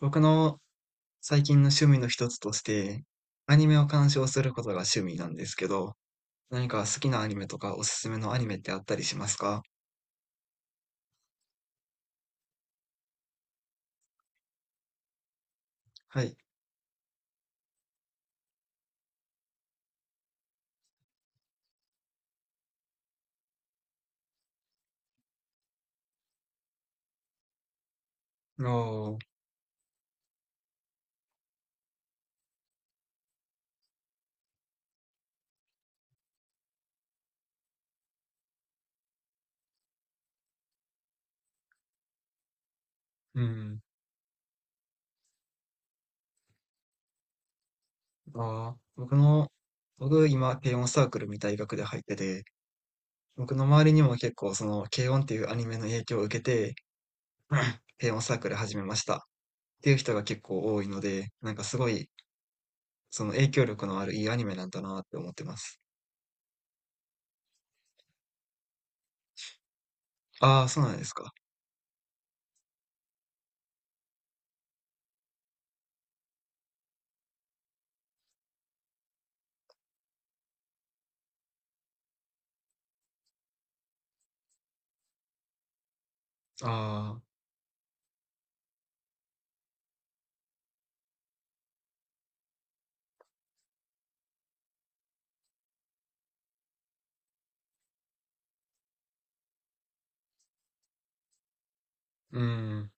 僕の最近の趣味の一つとして、アニメを鑑賞することが趣味なんですけど、何か好きなアニメとかおすすめのアニメってあったりしますか？はい。ああ、うん。ああ、僕今、軽音サークルみたい学で入ってて、僕の周りにも結構軽音っていうアニメの影響を受けて、軽音サークル始めましたっていう人が結構多いので、なんかすごい、その影響力のあるいいアニメなんだなって思ってます。ああ、そうなんですか。ああ、うん。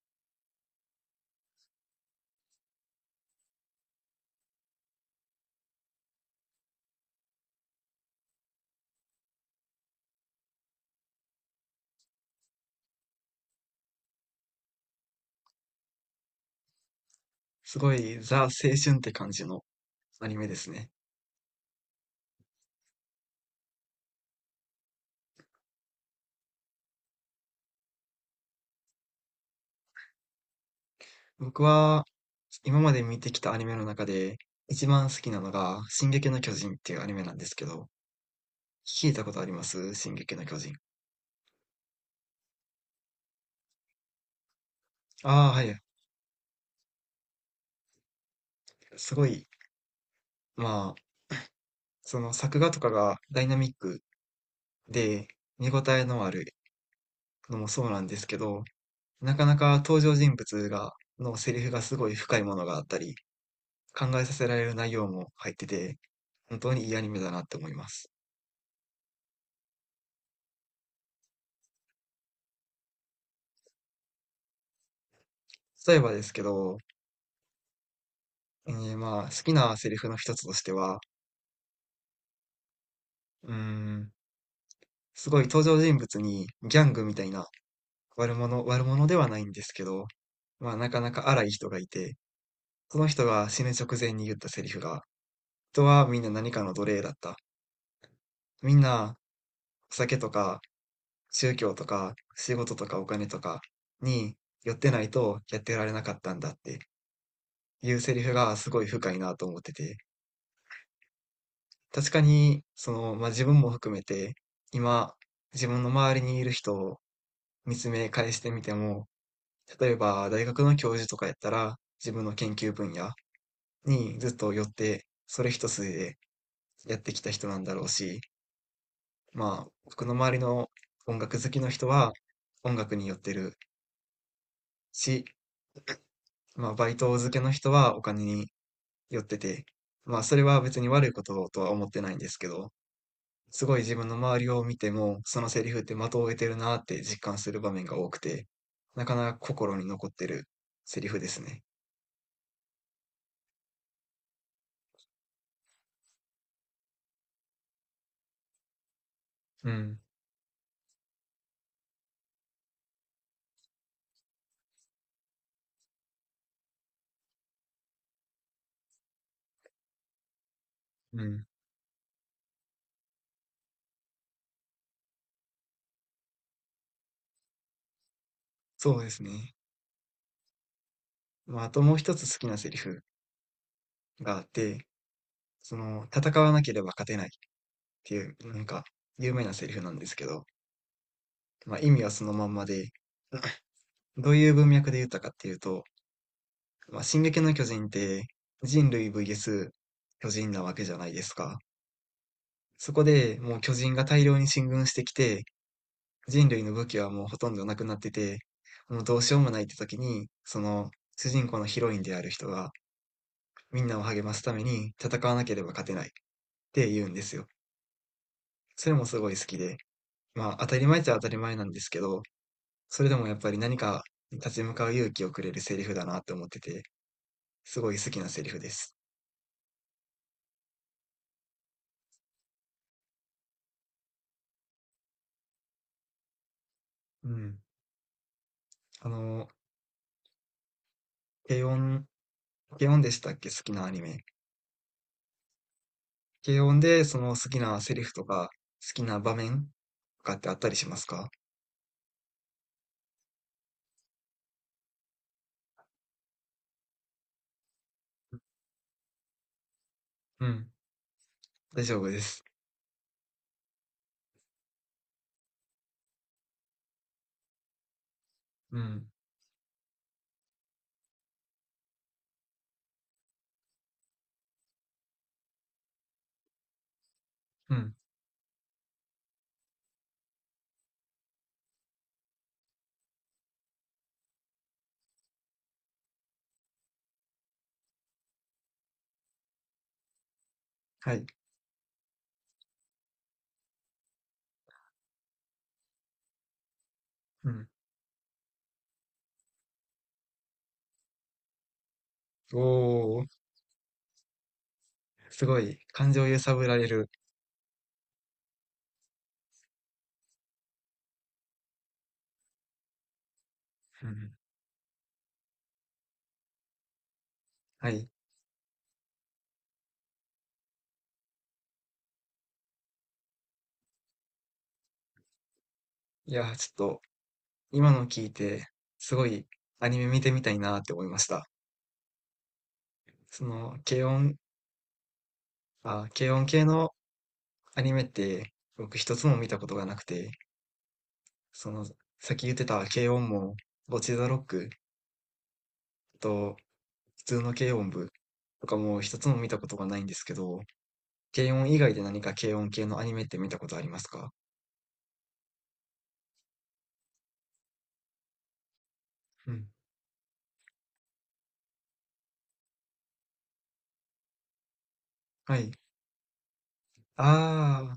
すごいザ青春って感じのアニメですね。僕は今まで見てきたアニメの中で一番好きなのが「進撃の巨人」っていうアニメなんですけど、聞いたことあります進撃の巨人。ああ、はい。すごい、まあ、その作画とかがダイナミックで見応えのあるのもそうなんですけど、なかなか登場人物が、のセリフがすごい深いものがあったり、考えさせられる内容も入ってて、本当にいいアニメだなって思います。例えばですけど、まあ、好きなセリフの一つとしては、うーん、すごい登場人物にギャングみたいな悪者ではないんですけど、まあ、なかなか荒い人がいて、その人が死ぬ直前に言ったセリフが、人はみんな何かの奴隷だった。みんな、お酒とか、宗教とか、仕事とかお金とかに寄ってないとやってられなかったんだっていうセリフがすごい深いなと思ってて、確かに、その、まあ、自分も含めて、今、自分の周りにいる人見つめ返してみても、例えば大学の教授とかやったら、自分の研究分野にずっと寄って、それ一筋でやってきた人なんだろうし、まあ、僕の周りの音楽好きの人は音楽に寄ってるし、まあ、バイト漬けの人はお金に寄ってて、まあ、それは別に悪いこととは思ってないんですけど、すごい自分の周りを見ても、そのセリフって的を得てるなって実感する場面が多くて、なかなか心に残ってるセリフですね。うん。うん、そうですね。まあ、あともう一つ好きなセリフがあって、その、戦わなければ勝てないっていう、なんか、有名なセリフなんですけど、まあ、意味はそのまんまで、どういう文脈で言ったかっていうと、まあ、進撃の巨人って人類 VS 巨人なわけじゃないですか。そこでもう巨人が大量に進軍してきて、人類の武器はもうほとんどなくなってて、もうどうしようもないって時に、その主人公のヒロインである人が、みんなを励ますために戦わなければ勝てないって言うんですよ。それもすごい好きで、まあ当たり前っちゃ当たり前なんですけど、それでもやっぱり何か立ち向かう勇気をくれるセリフだなって思ってて、すごい好きなセリフです。うん。あの、軽音、軽音でしたっけ好きなアニメ。軽音でその好きなセリフとか、好きな場面とかってあったりしますか？うん。大丈夫です。うん。うん。はい。うん。おー、すごい。感情揺さぶられる。うん。はい。いやー、ちょっと今の聞いて、すごいアニメ見てみたいなって思いました。その、軽音、あ、軽音系のアニメって僕一つも見たことがなくて、その、さっき言ってた軽音も、ボチザロックと普通の軽音部とかも一つも見たことがないんですけど、軽音以外で何か軽音系のアニメって見たことありますか？うん。はい。ああ、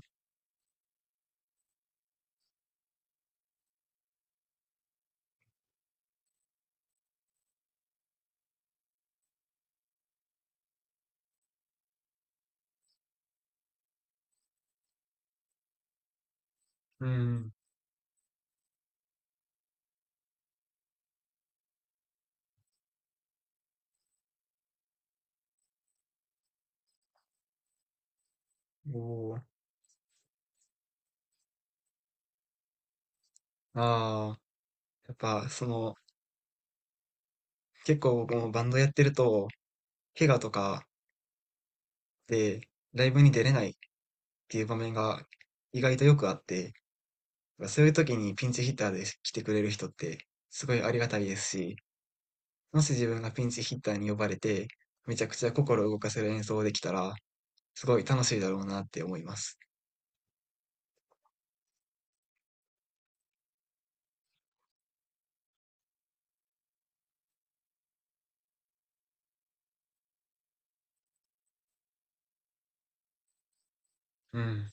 うん。おー。ああ、やっぱその、結構僕もバンドやってると、怪我とかでライブに出れないっていう場面が意外とよくあって、そういう時にピンチヒッターで来てくれる人ってすごいありがたいですし、もし自分がピンチヒッターに呼ばれて、めちゃくちゃ心を動かせる演奏できたら、すごい楽しいだろうなって思います。うん。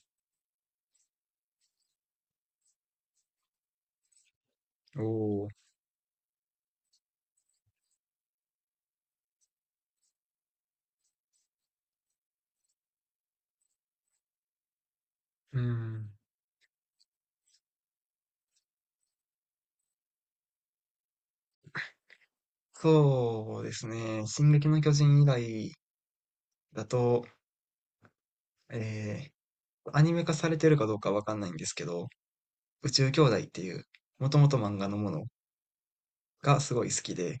おお。うん。そうですね。進撃の巨人以外だと、えアニメ化されてるかどうかわかんないんですけど、宇宙兄弟っていう、もともと漫画のものがすごい好きで、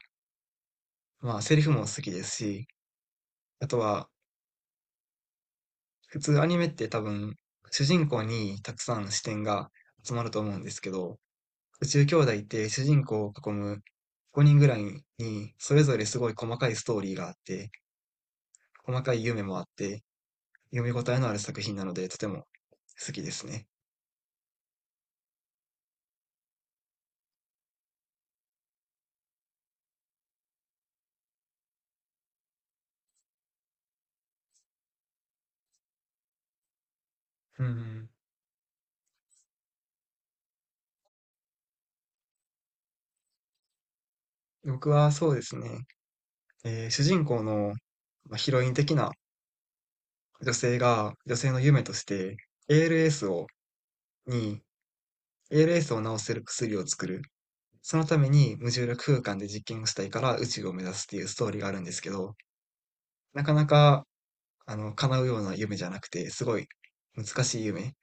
まあセリフも好きですし、あとは普通アニメって多分主人公にたくさん視点が集まると思うんですけど、宇宙兄弟って主人公を囲む5人ぐらいにそれぞれすごい細かいストーリーがあって、細かい夢もあって、読み応えのある作品なのでとても好きですね。うん、僕はそうですね、主人公のまあヒロイン的な女性が女性の夢として ALS をに ALS を治せる薬を作る。そのために無重力空間で実験をしたいから宇宙を目指すっていうストーリーがあるんですけど、なかなか、あの、叶うような夢じゃなくて、すごい難しい夢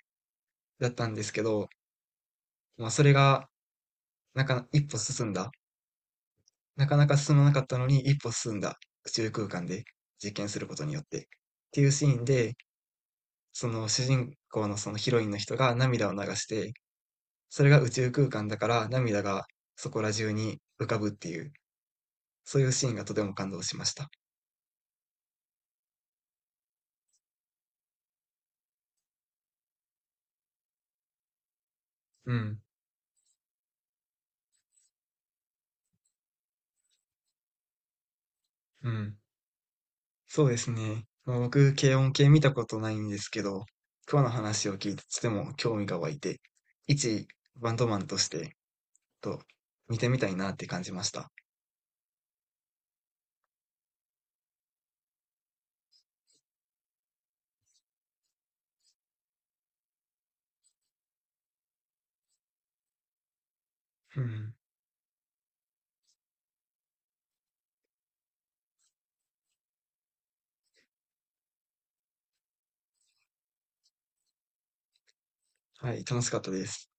だったんですけど、まあ、それが、なんか一歩進んだ。なかなか進まなかったのに一歩進んだ宇宙空間で実験することによって。っていうシーンで、その主人公のそのヒロインの人が涙を流して、それが宇宙空間だから涙がそこら中に浮かぶっていうそういうシーンがとても感動しました。うん、うん。そうですね。まあ、僕、軽音系見たことないんですけど、今日の話を聞いてとても興味が湧いて、一バンドマンとして、と、見てみたいなって感じました。うん。はい、楽しかったです。